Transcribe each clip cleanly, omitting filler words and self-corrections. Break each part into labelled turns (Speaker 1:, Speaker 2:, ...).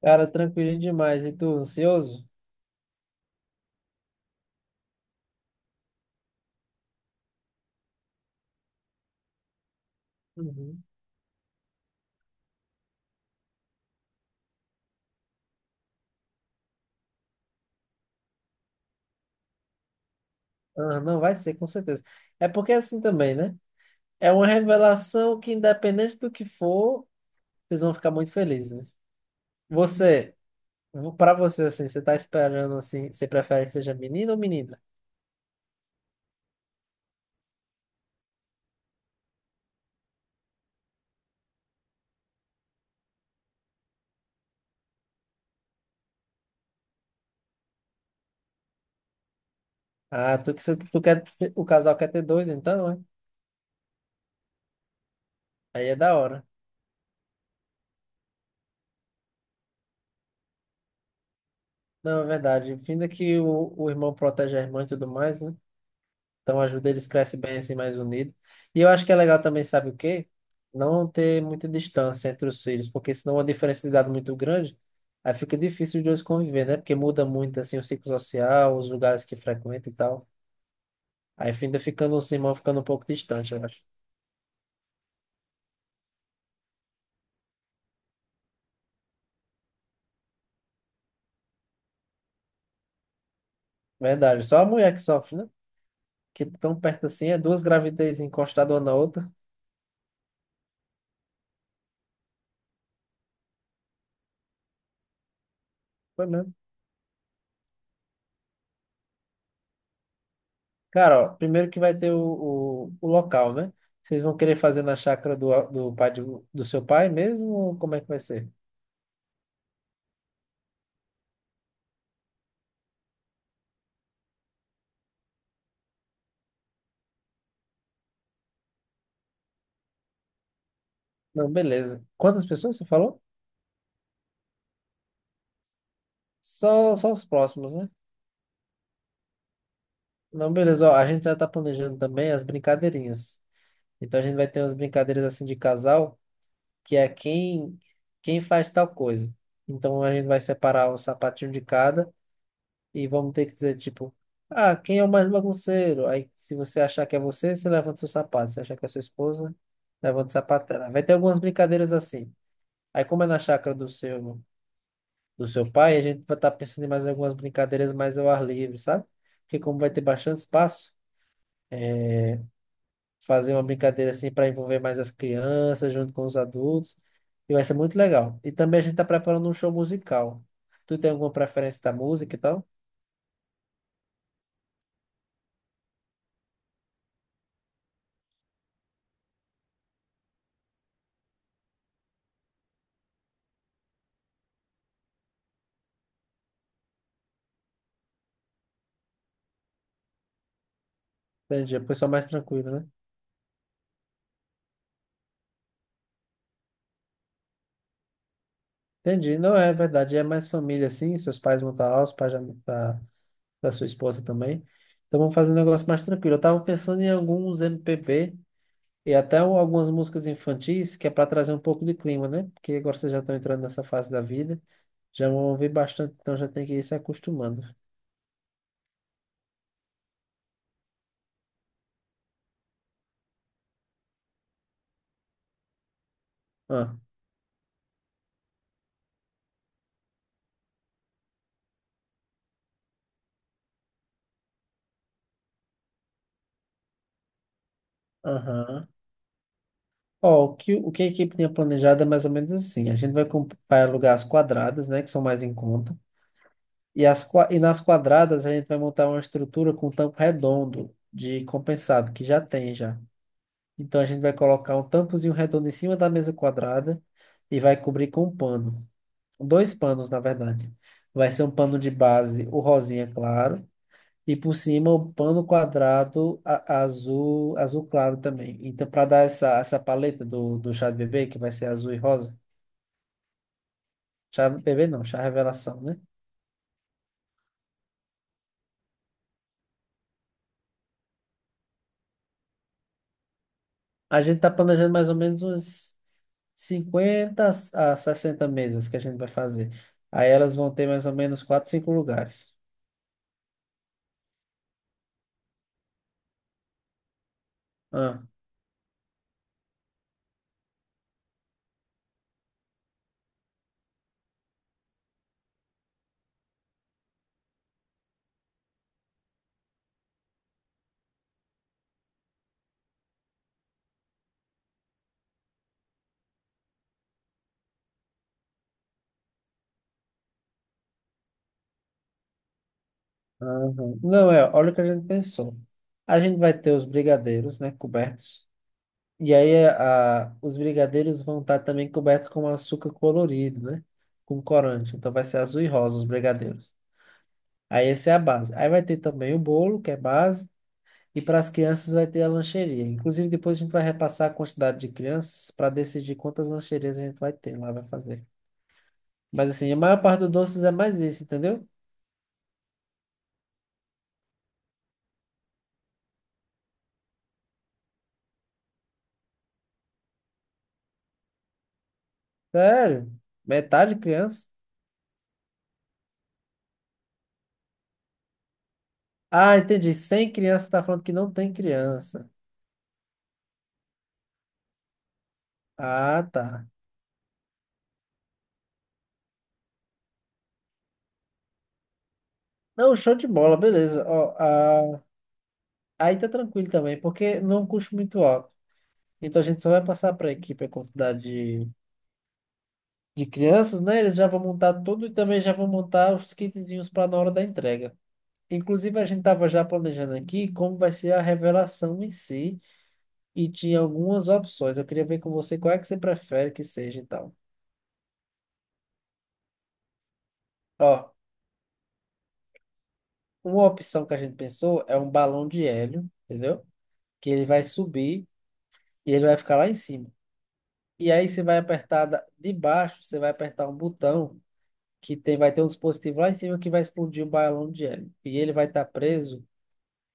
Speaker 1: Cara, tranquilinho demais. E tu, ansioso? Uhum. Ah, não, vai ser, com certeza. É porque é assim também, né? É uma revelação que, independente do que for, vocês vão ficar muito felizes, né? Você, pra você, assim, você tá esperando, assim, você prefere que seja menino ou menina? Ah, tu quer, o casal quer ter dois, então, né? Aí é da hora. Não, é verdade. Ainda que o irmão protege a irmã e tudo mais, né? Então ajuda eles crescem bem assim, mais unidos. E eu acho que é legal também, sabe o quê? Não ter muita distância entre os filhos, porque senão uma diferença de idade muito grande, aí fica difícil os dois conviver, né? Porque muda muito assim o ciclo social, os lugares que frequenta e tal. Aí ainda ficando os irmãos ficando um pouco distante, eu acho. Verdade. Só a mulher que sofre, né? Que tão perto assim, é duas gravidez encostadas uma na outra. Foi mesmo. Cara, ó, primeiro que vai ter o local, né? Vocês vão querer fazer na chácara do seu pai mesmo, ou como é que vai ser? Não, beleza. Quantas pessoas você falou? Só os próximos, né? Não, beleza. Ó, a gente já tá planejando também as brincadeirinhas. Então a gente vai ter umas brincadeiras assim de casal, que é quem faz tal coisa. Então a gente vai separar o sapatinho de cada e vamos ter que dizer tipo, ah, quem é o mais bagunceiro? Aí se você achar que é você, você levanta seu sapato. Se achar que é sua esposa, levanta o sapato dela. Vai ter algumas brincadeiras assim. Aí como é na chácara do seu pai, a gente vai estar pensando em mais algumas brincadeiras mais ao ar livre, sabe? Porque como vai ter bastante espaço, fazer uma brincadeira assim para envolver mais as crianças junto com os adultos, e vai ser muito legal. E também a gente está preparando um show musical. Tu tem alguma preferência da música e tal? Entendi, o pessoal mais tranquilo, né? Entendi, não é verdade, é mais família assim, seus pais vão estar lá, os pais já vão estar da sua esposa também. Então vamos fazer um negócio mais tranquilo. Eu tava pensando em alguns MPB e até algumas músicas infantis, que é para trazer um pouco de clima, né? Porque agora vocês já estão entrando nessa fase da vida, já vão ouvir bastante, então já tem que ir se acostumando. Ah, aham. Ó, o que a equipe tinha planejado é mais ou menos assim. A gente vai alugar as quadradas, né, que são mais em conta. E nas quadradas a gente vai montar uma estrutura com tampo redondo de compensado, que já tem já. Então a gente vai colocar um tampozinho redondo em cima da mesa quadrada e vai cobrir com um pano. Dois panos, na verdade. Vai ser um pano de base, o rosinha claro, e por cima o pano quadrado azul, azul claro também. Então, para dar essa paleta do chá de bebê, que vai ser azul e rosa. Chá de bebê não, chá revelação, né? A gente tá planejando mais ou menos umas 50 a 60 mesas que a gente vai fazer. Aí elas vão ter mais ou menos 4 5 lugares. Ah, aham. Não, é, olha o que a gente pensou. A gente vai ter os brigadeiros, né, cobertos. E aí os brigadeiros vão estar também cobertos com açúcar colorido, né? Com corante. Então vai ser azul e rosa os brigadeiros. Aí essa é a base. Aí vai ter também o bolo, que é base. E para as crianças vai ter a lancheria. Inclusive depois a gente vai repassar a quantidade de crianças para decidir quantas lancherias a gente vai ter lá, vai fazer. Mas assim, a maior parte dos doces é mais isso, entendeu? Sério, metade criança. Ah, entendi. Sem criança, você tá falando que não tem criança. Ah, tá. Não, show de bola, beleza. Ó, ah, aí tá tranquilo também, porque não custa muito alto. Então a gente só vai passar para a equipe a quantidade de, de crianças, né? Eles já vão montar tudo e também já vão montar os kitzinhos para na hora da entrega. Inclusive, a gente tava já planejando aqui como vai ser a revelação em si e tinha algumas opções. Eu queria ver com você qual é que você prefere que seja e tal. Ó, uma opção que a gente pensou é um balão de hélio, entendeu? Que ele vai subir e ele vai ficar lá em cima. E aí você vai apertar de baixo, você vai apertar um botão que tem, vai ter um dispositivo lá em cima que vai explodir um balão de hélio. E ele vai estar preso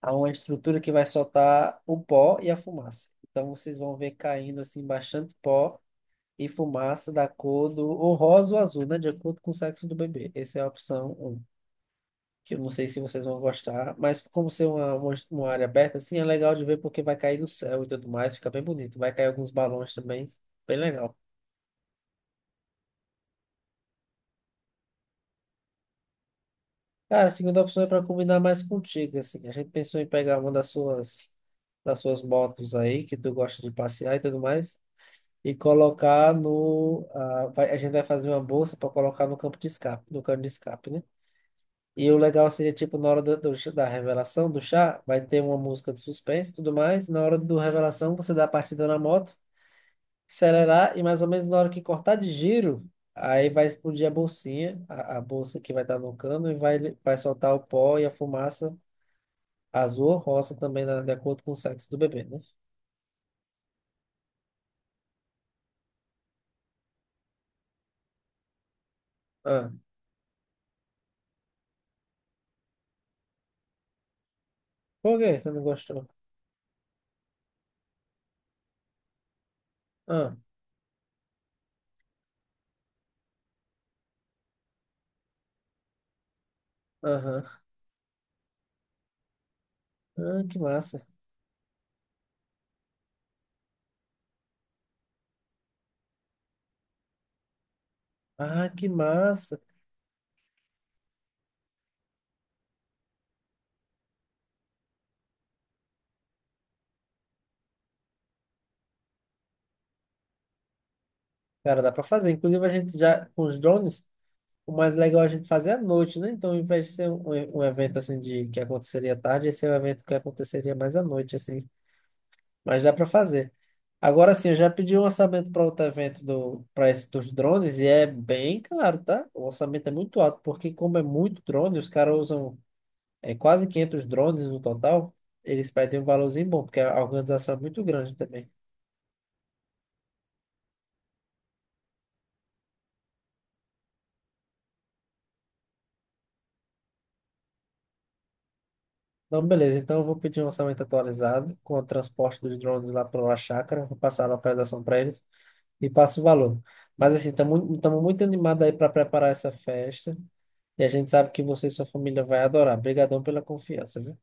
Speaker 1: a uma estrutura que vai soltar o pó e a fumaça. Então vocês vão ver caindo assim bastante pó e fumaça da cor do ou rosa ou azul, né? De acordo com o sexo do bebê. Essa é a opção 1. Que eu não sei se vocês vão gostar, mas como ser uma área aberta, assim, é legal de ver porque vai cair do céu e tudo mais, fica bem bonito. Vai cair alguns balões também, bem legal. Cara, a segunda opção é para combinar mais contigo, assim. A gente pensou em pegar uma das suas motos aí, que tu gosta de passear e tudo mais, e colocar no... ah, vai- a gente vai fazer uma bolsa para colocar no campo de escape, no cano de escape, né? E o legal seria, tipo, na hora da revelação do chá, vai ter uma música de suspense e tudo mais. Na hora do revelação, você dá a partida na moto, acelerar e mais ou menos na hora que cortar de giro, aí vai explodir a bolsinha, a bolsa que vai estar no cano e vai soltar o pó e a fumaça azul ou rosa também de acordo com o sexo do bebê, né? Ah, por que você não gostou? Ah, aham. Ah, que massa. Ah, que massa. Cara, dá pra fazer. Inclusive, a gente já, com os drones, o mais legal é a gente fazer à noite, né? Então, ao invés de ser um evento assim de que aconteceria à tarde, esse é um evento que aconteceria mais à noite, assim. Mas dá pra fazer. Agora sim, eu já pedi um orçamento para outro evento para esse dos drones e é bem caro, tá? O orçamento é muito alto, porque como é muito drone, os caras usam quase 500 drones no total, eles pedem um valorzinho bom, porque a organização é muito grande também. Então, beleza, então eu vou pedir um orçamento atualizado com o transporte dos drones lá para a chácara, vou passar a localização para eles e passo o valor. Mas assim, estamos muito animados aí para preparar essa festa e a gente sabe que você e sua família vai adorar. Obrigadão pela confiança, viu?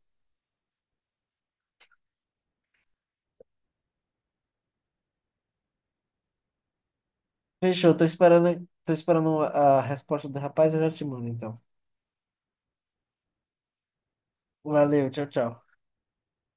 Speaker 1: Fechou, tô esperando a resposta do rapaz, eu já te mando então. Valeu, tchau, tchau.